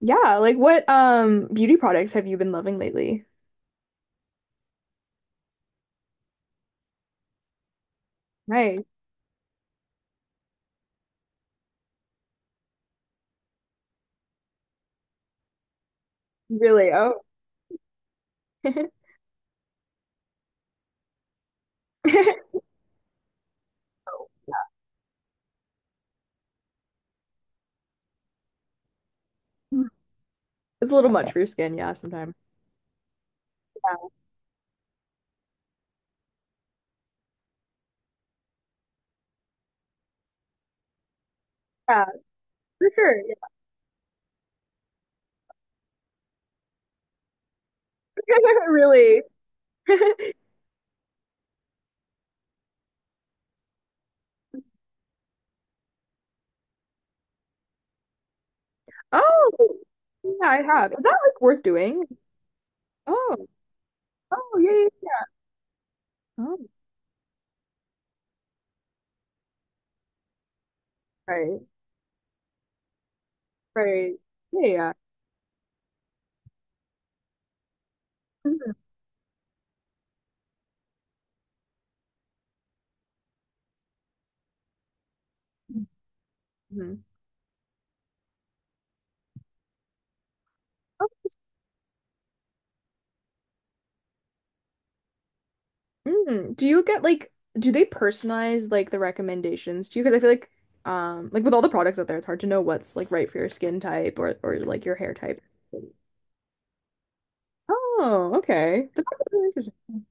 Yeah, like what beauty products have you been loving lately? Nice. Really? Oh. It's a little much for your skin, yeah, sometimes. Yeah, yeah, for sure, yeah. Really. Oh, yeah, I have. Is that like worth doing? Oh, oh, yeah, yeah, yeah. Oh, right, right. Yeah, yeah. Mm-hmm. Mm, do you get like do they personalize like the recommendations to you? Because I feel like with all the products out there, it's hard to know what's like right for your skin type or like your hair type. Oh, okay. That's actually really interesting.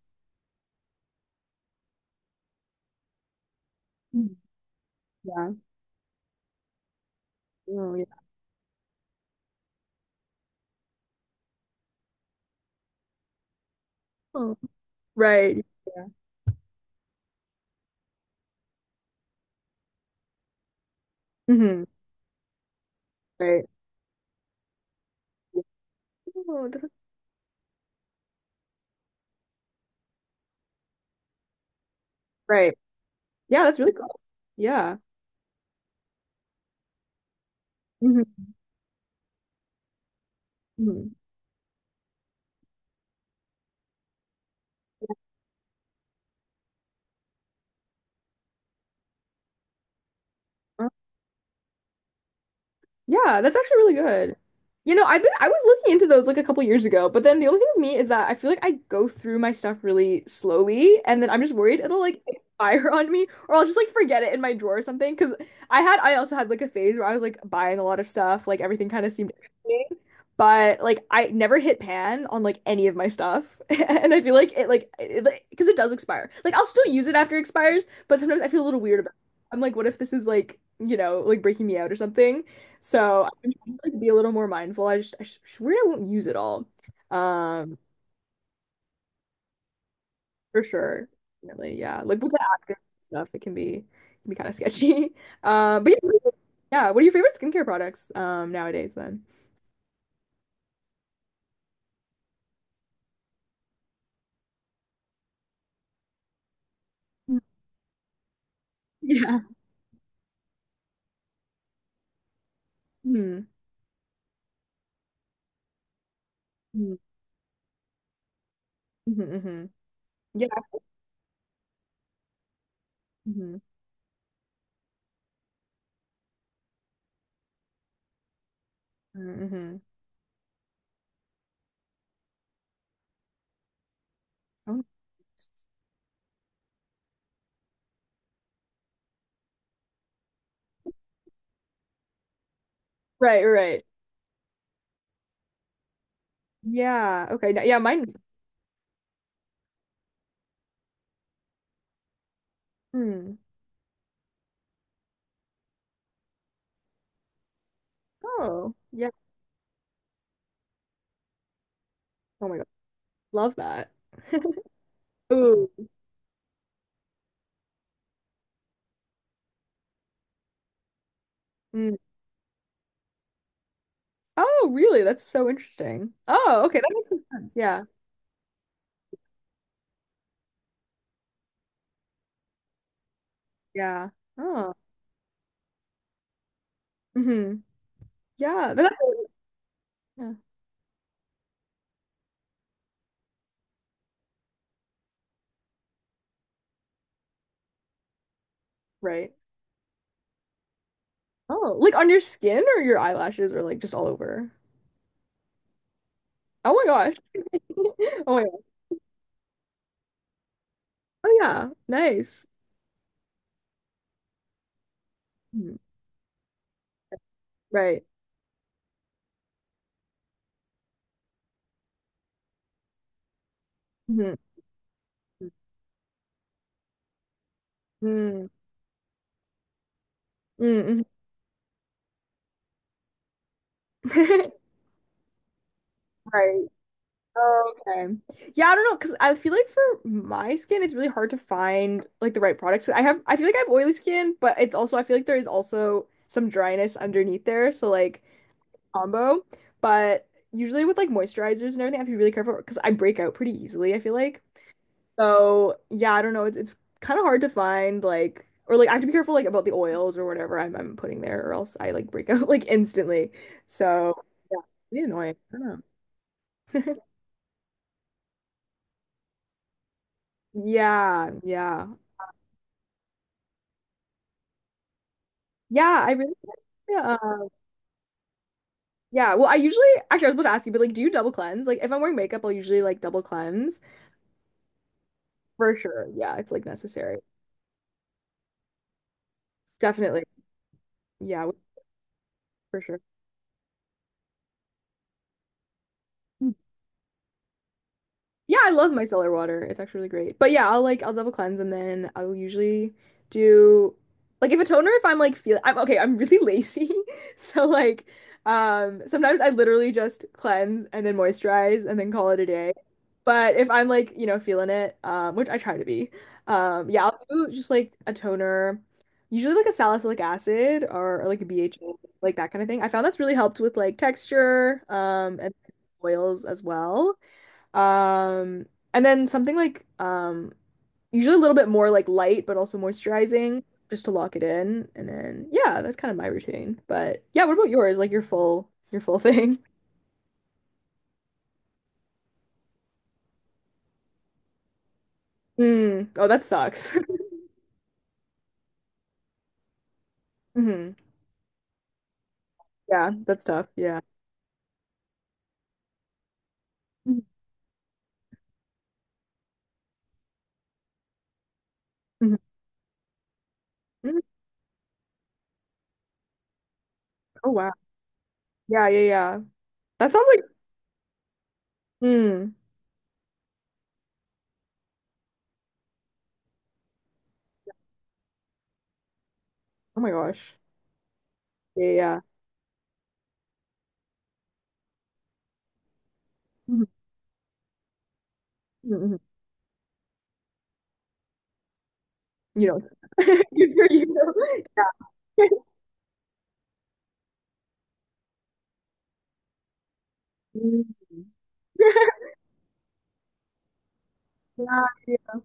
Mm. Yeah. Oh, yeah. Oh, right. Yeah. Hmm. Right. Yeah. Oh, that's- right. Yeah, that's really cool. Yeah. Hmm. Yeah, that's actually really good. You know, I was looking into those like a couple years ago, but then the only thing with me is that I feel like I go through my stuff really slowly and then I'm just worried it'll like expire on me or I'll just like forget it in my drawer or something. Cause I also had like a phase where I was like buying a lot of stuff, like everything kind of seemed interesting. But like I never hit pan on like any of my stuff. And I feel like it like, because it does expire. Like I'll still use it after it expires, but sometimes I feel a little weird about it. I'm like, what if this is like, you know, like breaking me out or something? So I'm trying to like be a little more mindful. I just I sh sh- I won't use it all. Um, for sure. Definitely, yeah. Like with the active stuff, it can be kind of sketchy. But yeah, yeah, what are your favorite skincare products nowadays then? Mm. Yeah. Hmm. Hmm. Hmm. Yeah. Hmm. Hmm. Oh, right, right. Yeah. Okay. Yeah, mine. Hmm. Oh, yeah. Oh my God. Love that. Ooh. Mm. Oh, really? That's so interesting. Oh, okay, that makes some sense. Yeah, yeah. Oh, hmm. Yeah, that's yeah, right. Oh, like on your skin or your eyelashes or like just all over? Oh my gosh. Oh my gosh. Oh yeah. Nice. Mhm. Right. Hmm. Mm, mm, mm. Right. Okay. Yeah, I don't know, because I feel like for my skin, it's really hard to find like the right products. I have, I feel like I have oily skin, but it's also, I feel like there is also some dryness underneath there. So like, combo, but usually with like moisturizers and everything, I have to be really careful because I break out pretty easily, I feel like. So yeah, I don't know. It's kind of hard to find like or like I have to be careful like about the oils or whatever I'm putting there or else I like break out like instantly. So really annoying. I don't know. Yeah, yeah. Yeah, I really like, yeah. Yeah, well, I usually actually I was about to ask you, but like, do you double cleanse? Like, if I'm wearing makeup, I'll usually like double cleanse for sure. Yeah, it's like necessary. Definitely. Yeah, for sure. Yeah, I love micellar water. It's actually really great. But yeah, I'll double cleanse and then I'll usually do like if a toner if I'm like feel I'm okay, I'm really lazy. So like sometimes I literally just cleanse and then moisturize and then call it a day. But if I'm like, you know, feeling it, which I try to be, yeah, I'll do just like a toner, usually like a salicylic acid or like a BHA, like that kind of thing. I found that's really helped with like texture, and oils as well. Um, and then something like usually a little bit more like light, but also moisturizing, just to lock it in. And then yeah, that's kind of my routine. But yeah, what about yours? Like your full thing? Mm. Oh, that sucks. Hmm. Yeah, that's tough. Yeah. Mhm. Mm. Oh wow. Yeah, yeah, yeah. That sounds like mm. Oh my gosh. Yeah, yeah. Hmm. You don't. Good for you. Mm. Yeah, yeah.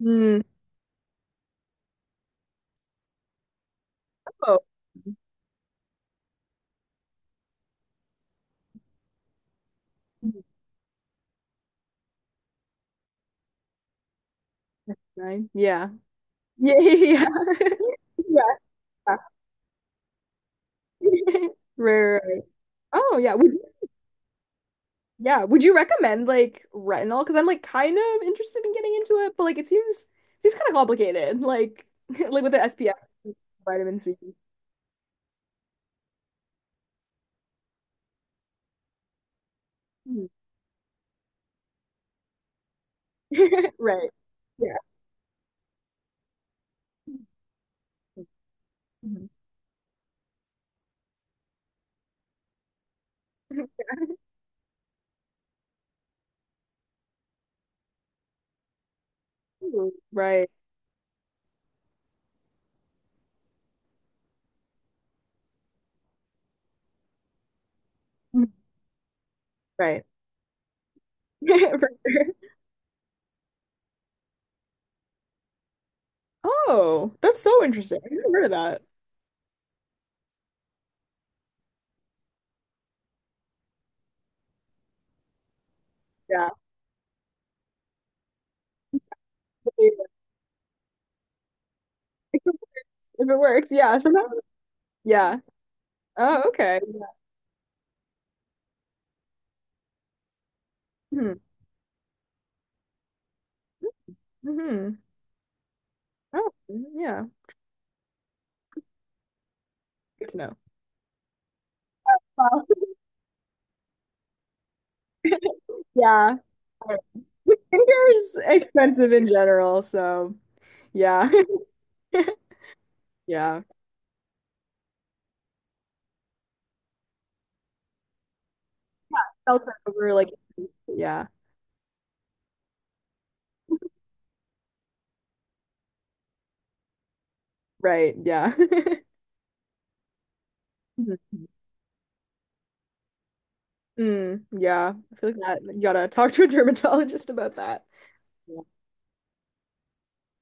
Hmm. Oh, nine. Yeah. Yeah. Yeah. Yeah. yeah. Right, right, right. Oh, yeah. Would you, yeah. Would you recommend like retinol? Because I'm like kind of interested in getting into it, but like it seems seems kind of complicated. Like like with the SPF, vitamin C. Hmm. Right. Yeah. Mhm. Ooh, right. Mhm. Right. For sure. Oh, that's so interesting. I never heard of that. Yeah. If it works, yeah. Sometimes, yeah. Oh, okay. Yeah. Hmm. Hmm. Oh, mm-hmm, yeah. Good to know. Well, yeah. I do Skincare is expensive in general, so yeah. Yeah. Also over like yeah. Right. Yeah. Mhm. Mm, yeah. I feel like that you gotta talk to a dermatologist about that. Yeah.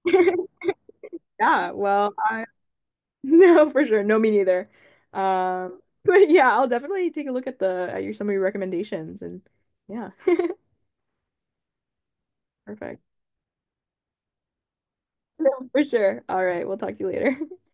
Yeah, well, I no for sure. No, me neither. But yeah, I'll definitely take a look at the at your some of your recommendations and yeah. Perfect. No, for sure. All right, we'll talk to you later.